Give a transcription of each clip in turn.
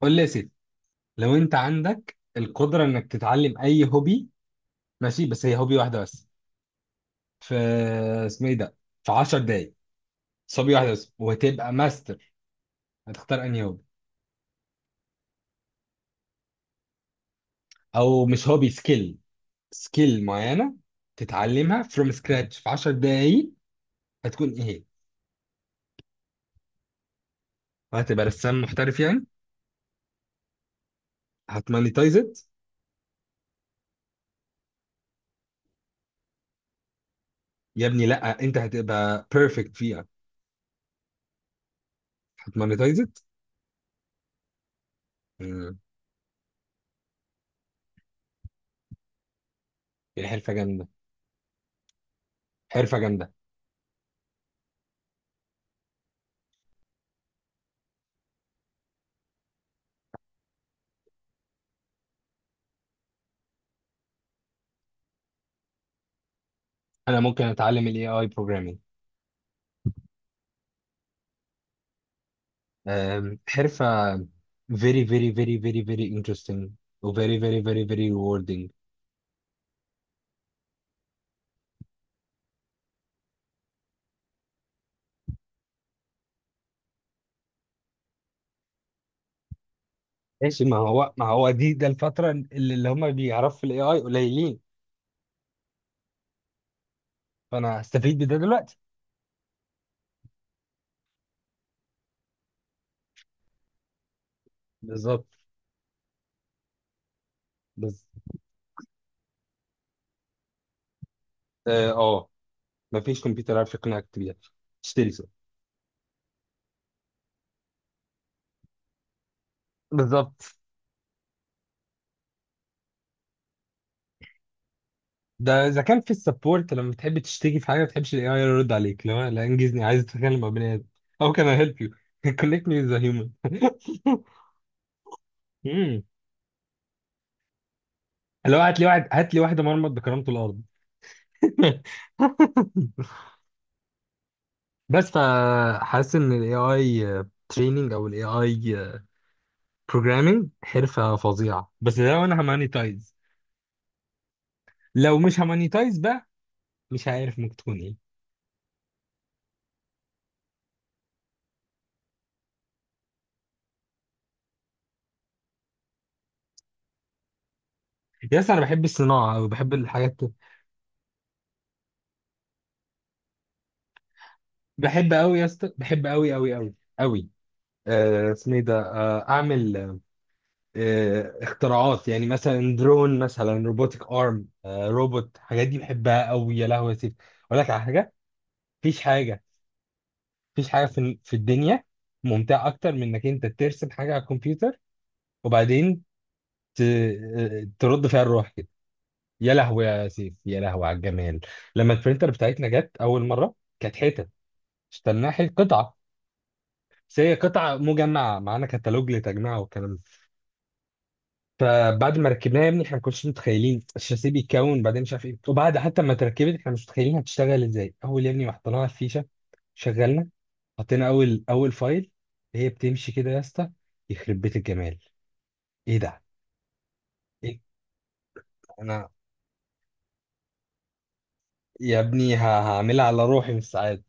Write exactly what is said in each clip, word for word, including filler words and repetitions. قول لي يا سيدي، لو انت عندك القدره انك تتعلم اي هوبي. ماشي، بس هي هوبي واحده بس في، اسمه ايه ده، في عشر دقايق. بس هوبي واحده بس وهتبقى ماستر. هتختار انهي هوبي؟ او مش هوبي، سكيل. سكيل معينه تتعلمها فروم سكراتش في عشر دقايق. هتكون ايه هي؟ وهتبقى رسام محترف يعني. هتمونيتايز ات. يا ابني لا انت هتبقى بيرفكت فيها. هتمونيتايز ات. دي حرفه جامده. حرفه جامده. انا ممكن اتعلم الاي اي بروجرامينج. آم، حرفة very very very very very interesting و very very very very rewarding. ماشي، ما هو ما هو دي ده الفترة اللي, اللي هم بيعرفوا في الاي اي قليلين. فانا هستفيد بده دلوقتي. بالظبط. بس اه آه، ما فيش كمبيوتر عارف يقنعك بيها تشتري سوق. بالظبط. ده اذا كان في السبورت، لما بتحب تشتكي في حاجه ما بتحبش الاي اي يرد عليك. لو لا انجزني، عايز اتكلم مع بني ادم. How can I help you? Connect me with a human. مم. لو هات لي واحد، هات لي واحده مرمط بكرامته الارض. بس فحاسس ان الاي اي تريننج او الاي اي بروجرامنج حرفه فظيعه، بس لو انا همانيتايز. لو مش همانيتايز بقى مش عارف ممكن تكون ايه. يا اسطى انا بحب الصناعه او بحب الحاجات. بحب قوي يا اسطى، بحب قوي قوي قوي قوي. آه، اسمه ايه ده، آه، اعمل، آه، اختراعات يعني، مثلا درون، مثلا روبوتك ارم، روبوت. الحاجات دي بحبها قوي. يا لهوي يا سيف، اقول لك على حاجه. مفيش حاجه، مفيش حاجه في ال- في الدنيا ممتعه اكتر من انك انت ترسم حاجه على الكمبيوتر وبعدين ت... ترد فيها الروح كده. يا لهوي يا سيف، يا لهوي على الجمال. لما البرينتر بتاعتنا جت اول مره كانت حتت، اشتريناها حت- قطعه. بس هي قطعه مجمعه، معانا كتالوج لتجميعها والكلام ده. فبعد ما ركبناها يا ابني، احنا ما كناش متخيلين الشاسيه بيتكون بعدين مش عارف ايه. وبعد حتى ما اتركبت احنا مش متخيلين هتشتغل ازاي. اول يا ابني ما حطيناها الفيشه، شغلنا، حطينا اول اول فايل، هي بتمشي كده يا اسطى. يخرب بيت الجمال، ايه ده. ايه، انا يا ابني ه- هعملها على روحي من السعاده.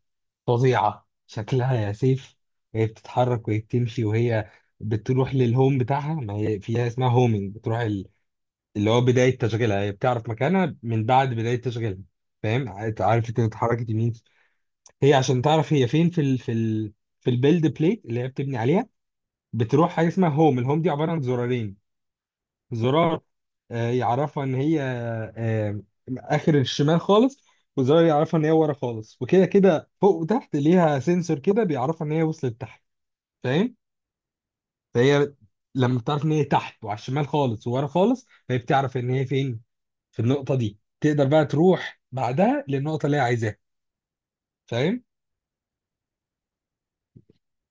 فظيعه شكلها يا سيف. هي بتتحرك وهي بتمشي وهي بتروح للهوم بتاعها، ما هي فيها اسمها هومينج. بتروح اللي هو بداية تشغيلها، هي بتعرف مكانها من بعد بداية تشغيلها. فاهم؟ عت- عرفت ان اتحركت يمين، هي عشان تعرف هي فين في ال في ال في البيلد بليت اللي هي بتبني عليها، بتروح حاجة اسمها هوم. الهوم دي عبارة عن زرارين. زرار آه، يعرفها ان هي آه، اخر الشمال خالص، وزرار يعرفها ان هي ورا خالص، وكده كده فوق وتحت ليها سنسور كده بيعرفها ان هي وصلت تحت. فاهم؟ فهي لما بتعرف ان هي تحت وعلى الشمال خالص وورا خالص، فهي بتعرف ان هي فين في النقطة دي. تقدر بقى تروح بعدها للنقطة اللي هي عايزاها. فاهم؟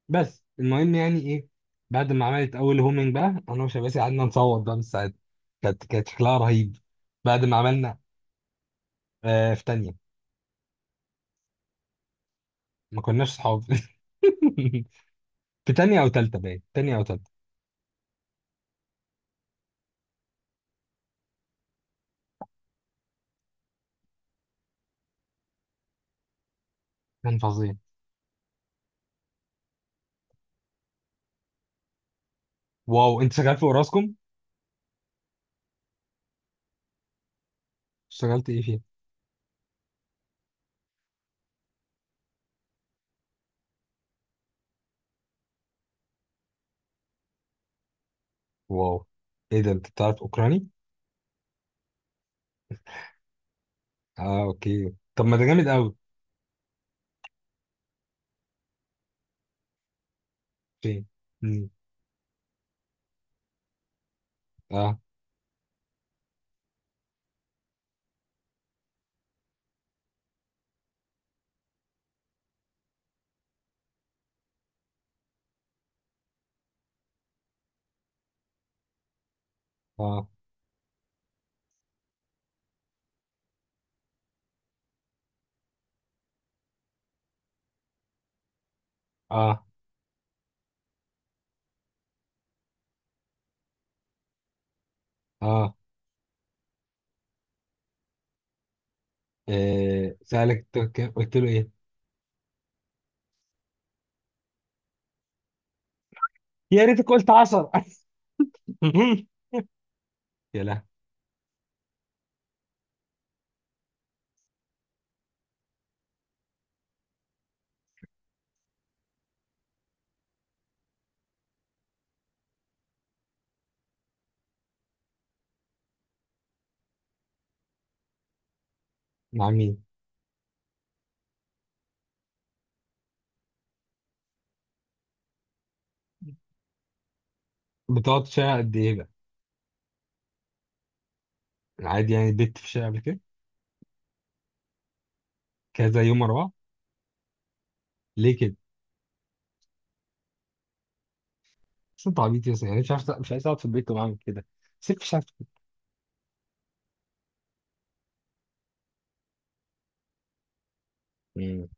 بس المهم يعني ايه، بعد ما عملت اول هومينج بقى انا وشباسي قعدنا نصوت بقى من الساعات. كانت كانت شكلها رهيب. بعد ما عملنا، آه في تانية. ما كناش صحاب. في تانية او تالتة، باين تانية او تالتة. كان فظيع. واو، انت شغال في اوراسكوم؟ اشتغلت ايه فيها؟ واو، ايه ده انت بتعرف اوكراني؟ اه اوكي، طب ما ده جامد قوي. اوكي. مم. اه اه اه اه. آه، سألك أنت كام، قلت له ايه؟ يا ريتك قلت عشر. يا لا. مع مين؟ بتقعد في الشارع قد ايه بقى؟ عادي يعني بت في الشارع قبل كده كذا يوم ورا بعض؟ ليه كده؟ بس انت عبيط يا اسطى. يعني مش عارف مش عايز اقعد في البيت وبعمل كده؟ سيب في. مم.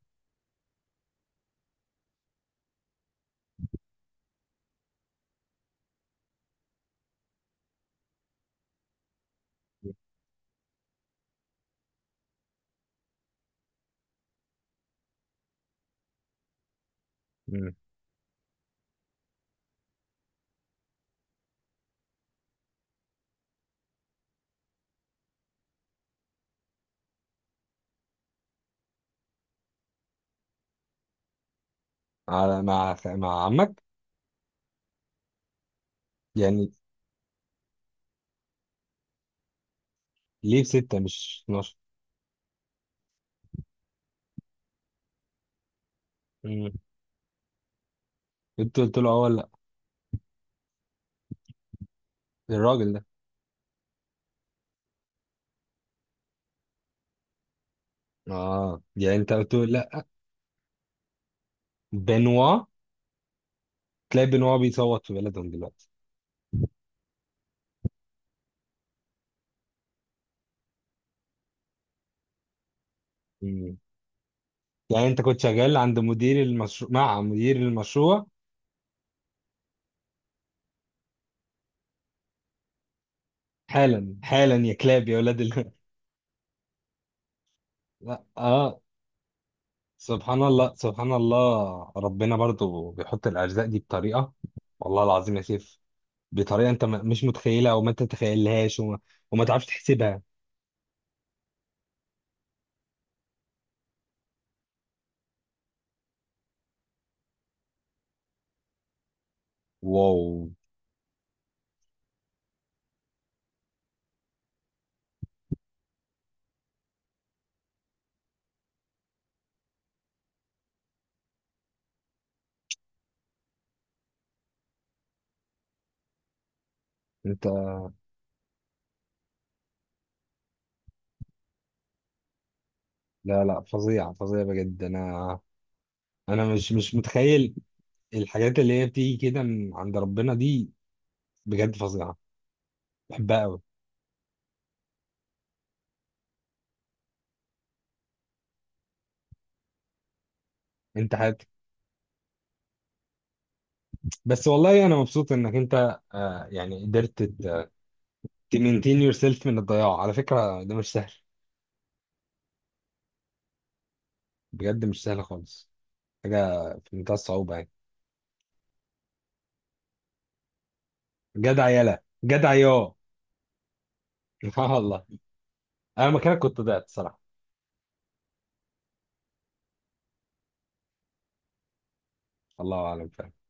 مم. على، مع مع عمك يعني؟ ليه ستة مش اتناشر؟ مم. انت قلت له اه ولا لا الراجل ده؟ اه يعني انت قلت له لا. بنوا. تلاقي بنوا بيصوت في بلدهم دلوقتي. يعني انت كنت شغال عند مدير المشروع، مع مدير المشروع؟ حالا حالا يا كلاب يا ولاد ال... لا اه. سبحان الله سبحان الله، ربنا برضو بيحط الارزاق دي بطريقه، والله العظيم يا سيف، بطريقه انت م- مش متخيلها او ما تتخيلهاش، وما, وما تعرفش تحسبها. واو. انت، لا لا فظيع فظيع بجد. انا انا مش مش متخيل الحاجات اللي هي بتيجي كده من عند ربنا دي. بجد فظيعه. بحبها قوي. انت بس والله انا مبسوط انك انت، آه، يعني قدرت تمينتين يور سيلف من الضياع. على فكره ده مش سهل. بجد مش سهل خالص. حاجه في منتهى الصعوبه يعني. جدع يالا، جدع يا اه. والله انا مكانك كنت ضعت صراحه. الله اعلم فعلا.